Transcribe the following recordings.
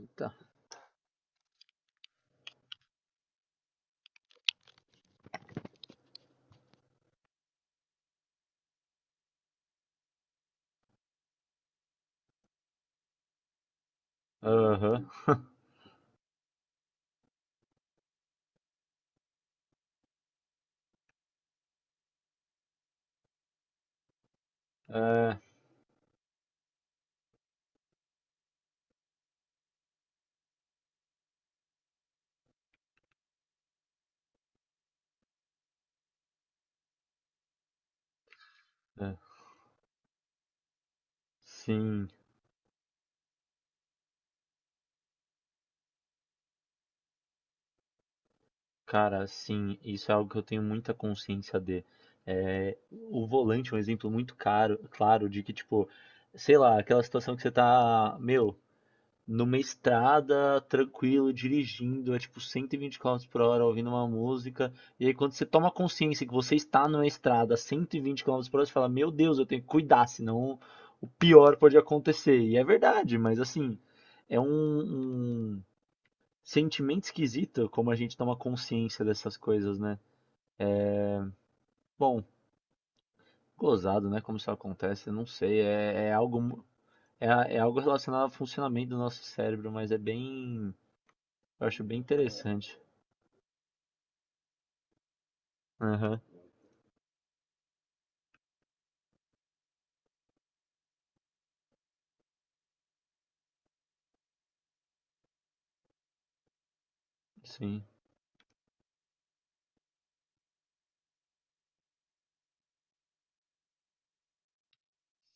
Eita. Aham. É, é. Sim, cara, sim, isso é algo que eu tenho muita consciência de. É, o volante é um exemplo muito caro, claro de que, tipo, sei lá, aquela situação que você tá, meu, numa estrada, tranquilo, dirigindo, é tipo 120 km por hora, ouvindo uma música. E aí, quando você toma consciência que você está numa estrada a 120 km por hora, você fala: Meu Deus, eu tenho que cuidar, senão o pior pode acontecer. E é verdade, mas assim, é um sentimento esquisito como a gente toma consciência dessas coisas, né? Bom, gozado, né? Como isso acontece, eu não sei. É algo. É algo relacionado ao funcionamento do nosso cérebro, mas é bem. Eu acho bem interessante. Aham. Sim,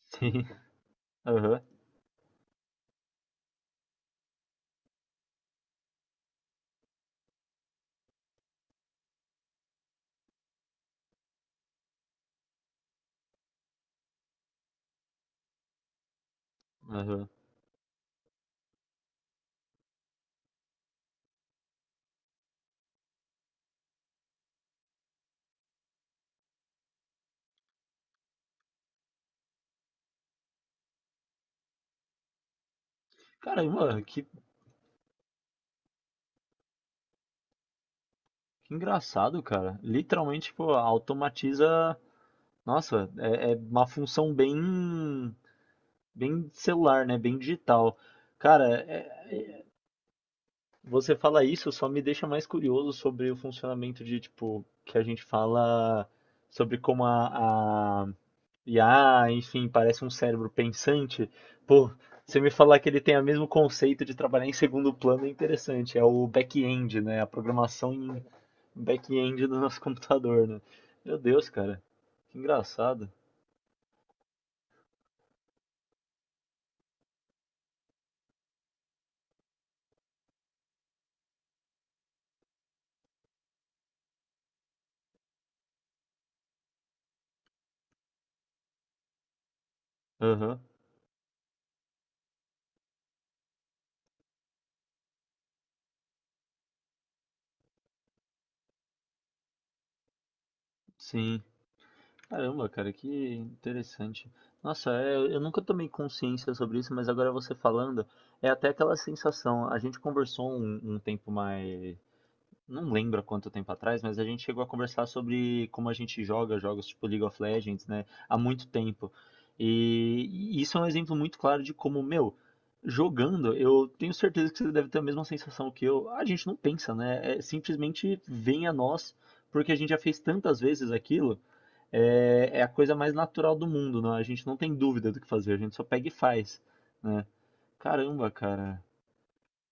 sim. Aham, aham. Cara, e, mano, que engraçado, cara. Literalmente, tipo, automatiza. Nossa, é uma função bem, bem celular, né? Bem digital. Cara, você fala isso só me deixa mais curioso sobre o funcionamento de, tipo, que a gente fala sobre como a IA, enfim, parece um cérebro pensante. Pô, você me falar que ele tem o mesmo conceito de trabalhar em segundo plano é interessante. É o back-end, né? A programação em back-end do nosso computador, né? Meu Deus, cara. Que engraçado. Aham, sim. Caramba, cara, que interessante. Nossa, é, eu nunca tomei consciência sobre isso, mas agora você falando, é até aquela sensação. A gente conversou um tempo mais. Não lembro há quanto tempo atrás, mas a gente chegou a conversar sobre como a gente joga jogos tipo League of Legends, né, há muito tempo. E e isso é um exemplo muito claro de como, meu, jogando, eu tenho certeza que você deve ter a mesma sensação que eu. A gente não pensa, né? É, simplesmente vem a nós, porque a gente já fez tantas vezes aquilo, é a coisa mais natural do mundo, né? A gente não tem dúvida do que fazer, a gente só pega e faz, né? Caramba, cara,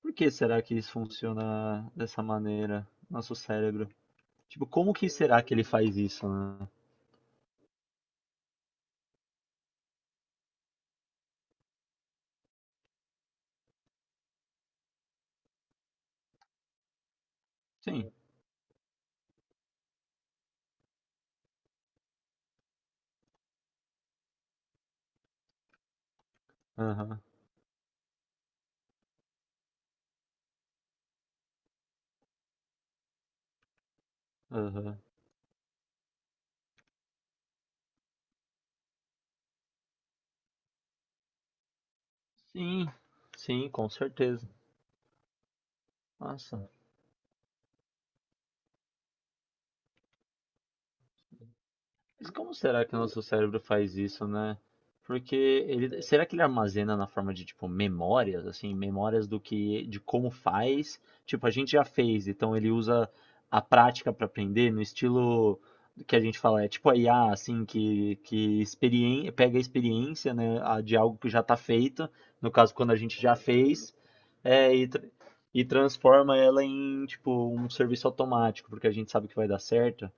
por que será que isso funciona dessa maneira? Nosso cérebro. Tipo, como que será que ele faz isso, né? Sim. Aham. Aham. Sim. Sim, com certeza. Nossa. Mas como será que o nosso cérebro faz isso, né? Porque ele, será que ele armazena na forma de tipo memórias, assim, memórias do que, de como faz? Tipo, a gente já fez, então ele usa a prática para aprender no estilo que a gente fala, é tipo a IA, assim, que experien pega a experiência, né, de algo que já está feito, no caso quando a gente já fez, é, e transforma ela em tipo um serviço automático, porque a gente sabe que vai dar certo.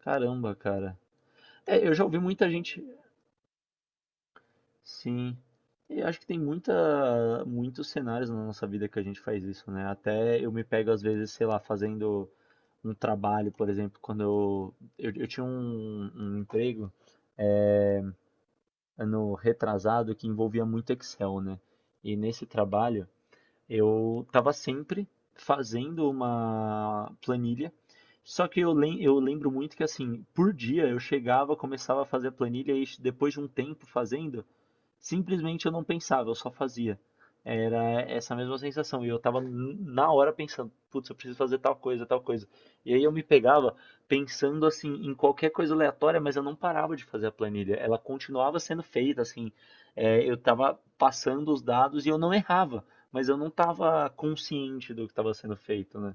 Caramba, cara. É, eu já ouvi muita gente. Sim. Eu acho que tem muita, muitos cenários na nossa vida que a gente faz isso, né? Até eu me pego, às vezes, sei lá, fazendo um trabalho, por exemplo, quando eu tinha um emprego ano retrasado que envolvia muito Excel, né? E nesse trabalho eu estava sempre fazendo uma planilha. Só que eu lembro muito que assim, por dia eu chegava, começava a fazer a planilha e depois de um tempo fazendo, simplesmente eu não pensava, eu só fazia. Era essa mesma sensação. E eu tava na hora pensando, putz, eu preciso fazer tal coisa, tal coisa. E aí eu me pegava pensando assim em qualquer coisa aleatória, mas eu não parava de fazer a planilha. Ela continuava sendo feita, assim. É, eu tava passando os dados e eu não errava, mas eu não tava consciente do que estava sendo feito, né?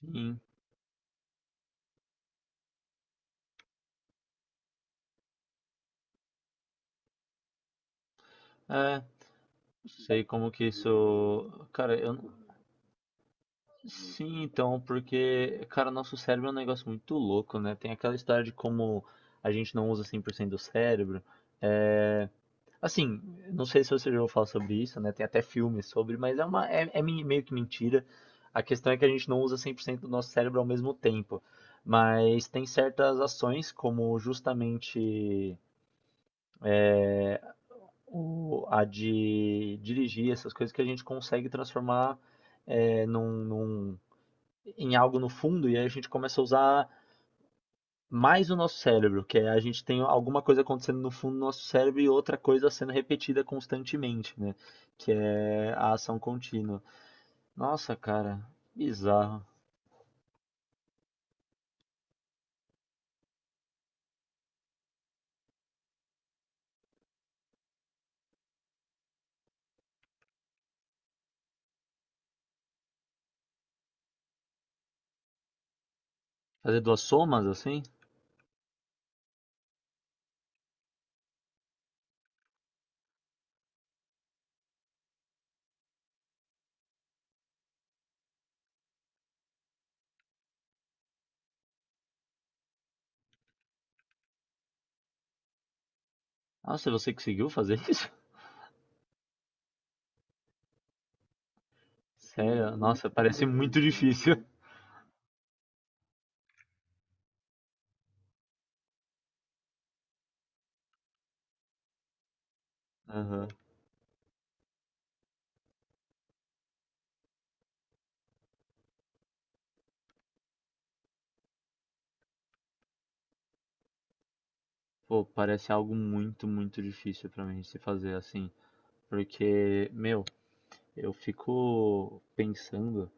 Sim. É, sei como que isso. Cara, eu, sim, então, porque, cara, nosso cérebro é um negócio muito louco, né? Tem aquela história de como a gente não usa 100% do cérebro. É... Assim, não sei se você já ouviu falar sobre isso, né? Tem até filmes sobre, mas é meio que mentira. A questão é que a gente não usa 100% do nosso cérebro ao mesmo tempo. Mas tem certas ações, como justamente o, a de dirigir, essas coisas que a gente consegue transformar é, num em algo no fundo e aí a gente começa a usar mais o nosso cérebro, que é a gente tem alguma coisa acontecendo no fundo do nosso cérebro e outra coisa sendo repetida constantemente, né? Que é a ação contínua. Nossa, cara, bizarro. Fazer duas somas assim? Nossa, é você conseguiu fazer isso? Sério? Nossa, parece muito difícil. Aham. Pô, parece algo muito, muito difícil pra mim se fazer assim. Porque, meu, eu fico pensando.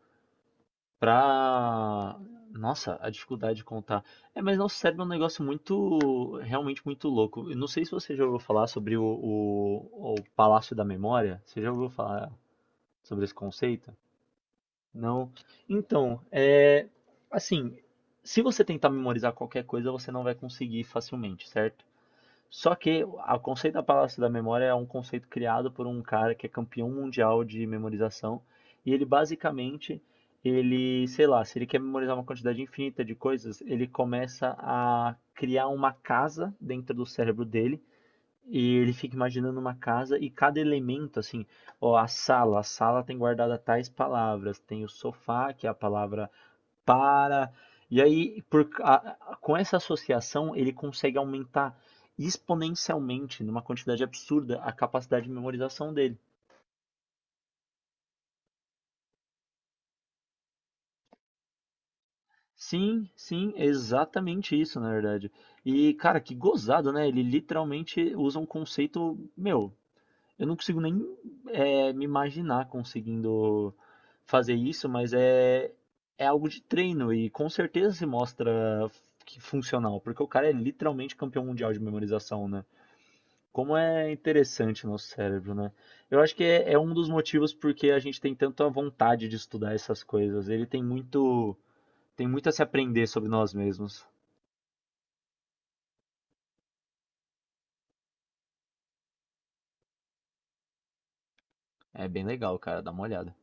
Pra. Nossa, a dificuldade de contar. É, mas nosso cérebro é um negócio muito, realmente muito louco. Eu não sei se você já ouviu falar sobre o Palácio da Memória. Você já ouviu falar sobre esse conceito? Não. Então, é, assim, se você tentar memorizar qualquer coisa, você não vai conseguir facilmente, certo? Só que o conceito da Palácio da Memória é um conceito criado por um cara que é campeão mundial de memorização e ele basicamente ele, sei lá, se ele quer memorizar uma quantidade infinita de coisas, ele começa a criar uma casa dentro do cérebro dele e ele fica imaginando uma casa e cada elemento assim, ó, a sala tem guardada tais palavras, tem o sofá, que é a palavra para. E aí, com essa associação, ele consegue aumentar exponencialmente, numa quantidade absurda, a capacidade de memorização dele. Sim, sim, exatamente isso, na verdade. E, cara, que gozado, né? Ele literalmente usa um conceito, meu, eu não consigo nem me imaginar conseguindo fazer isso, mas é algo de treino e com certeza se mostra que funcional, porque o cara é literalmente campeão mundial de memorização, né? Como é interessante o nosso cérebro, né? Eu acho que é um dos motivos porque a gente tem tanta vontade de estudar essas coisas. Ele tem muito a se aprender sobre nós mesmos. É bem legal, cara, dá uma olhada.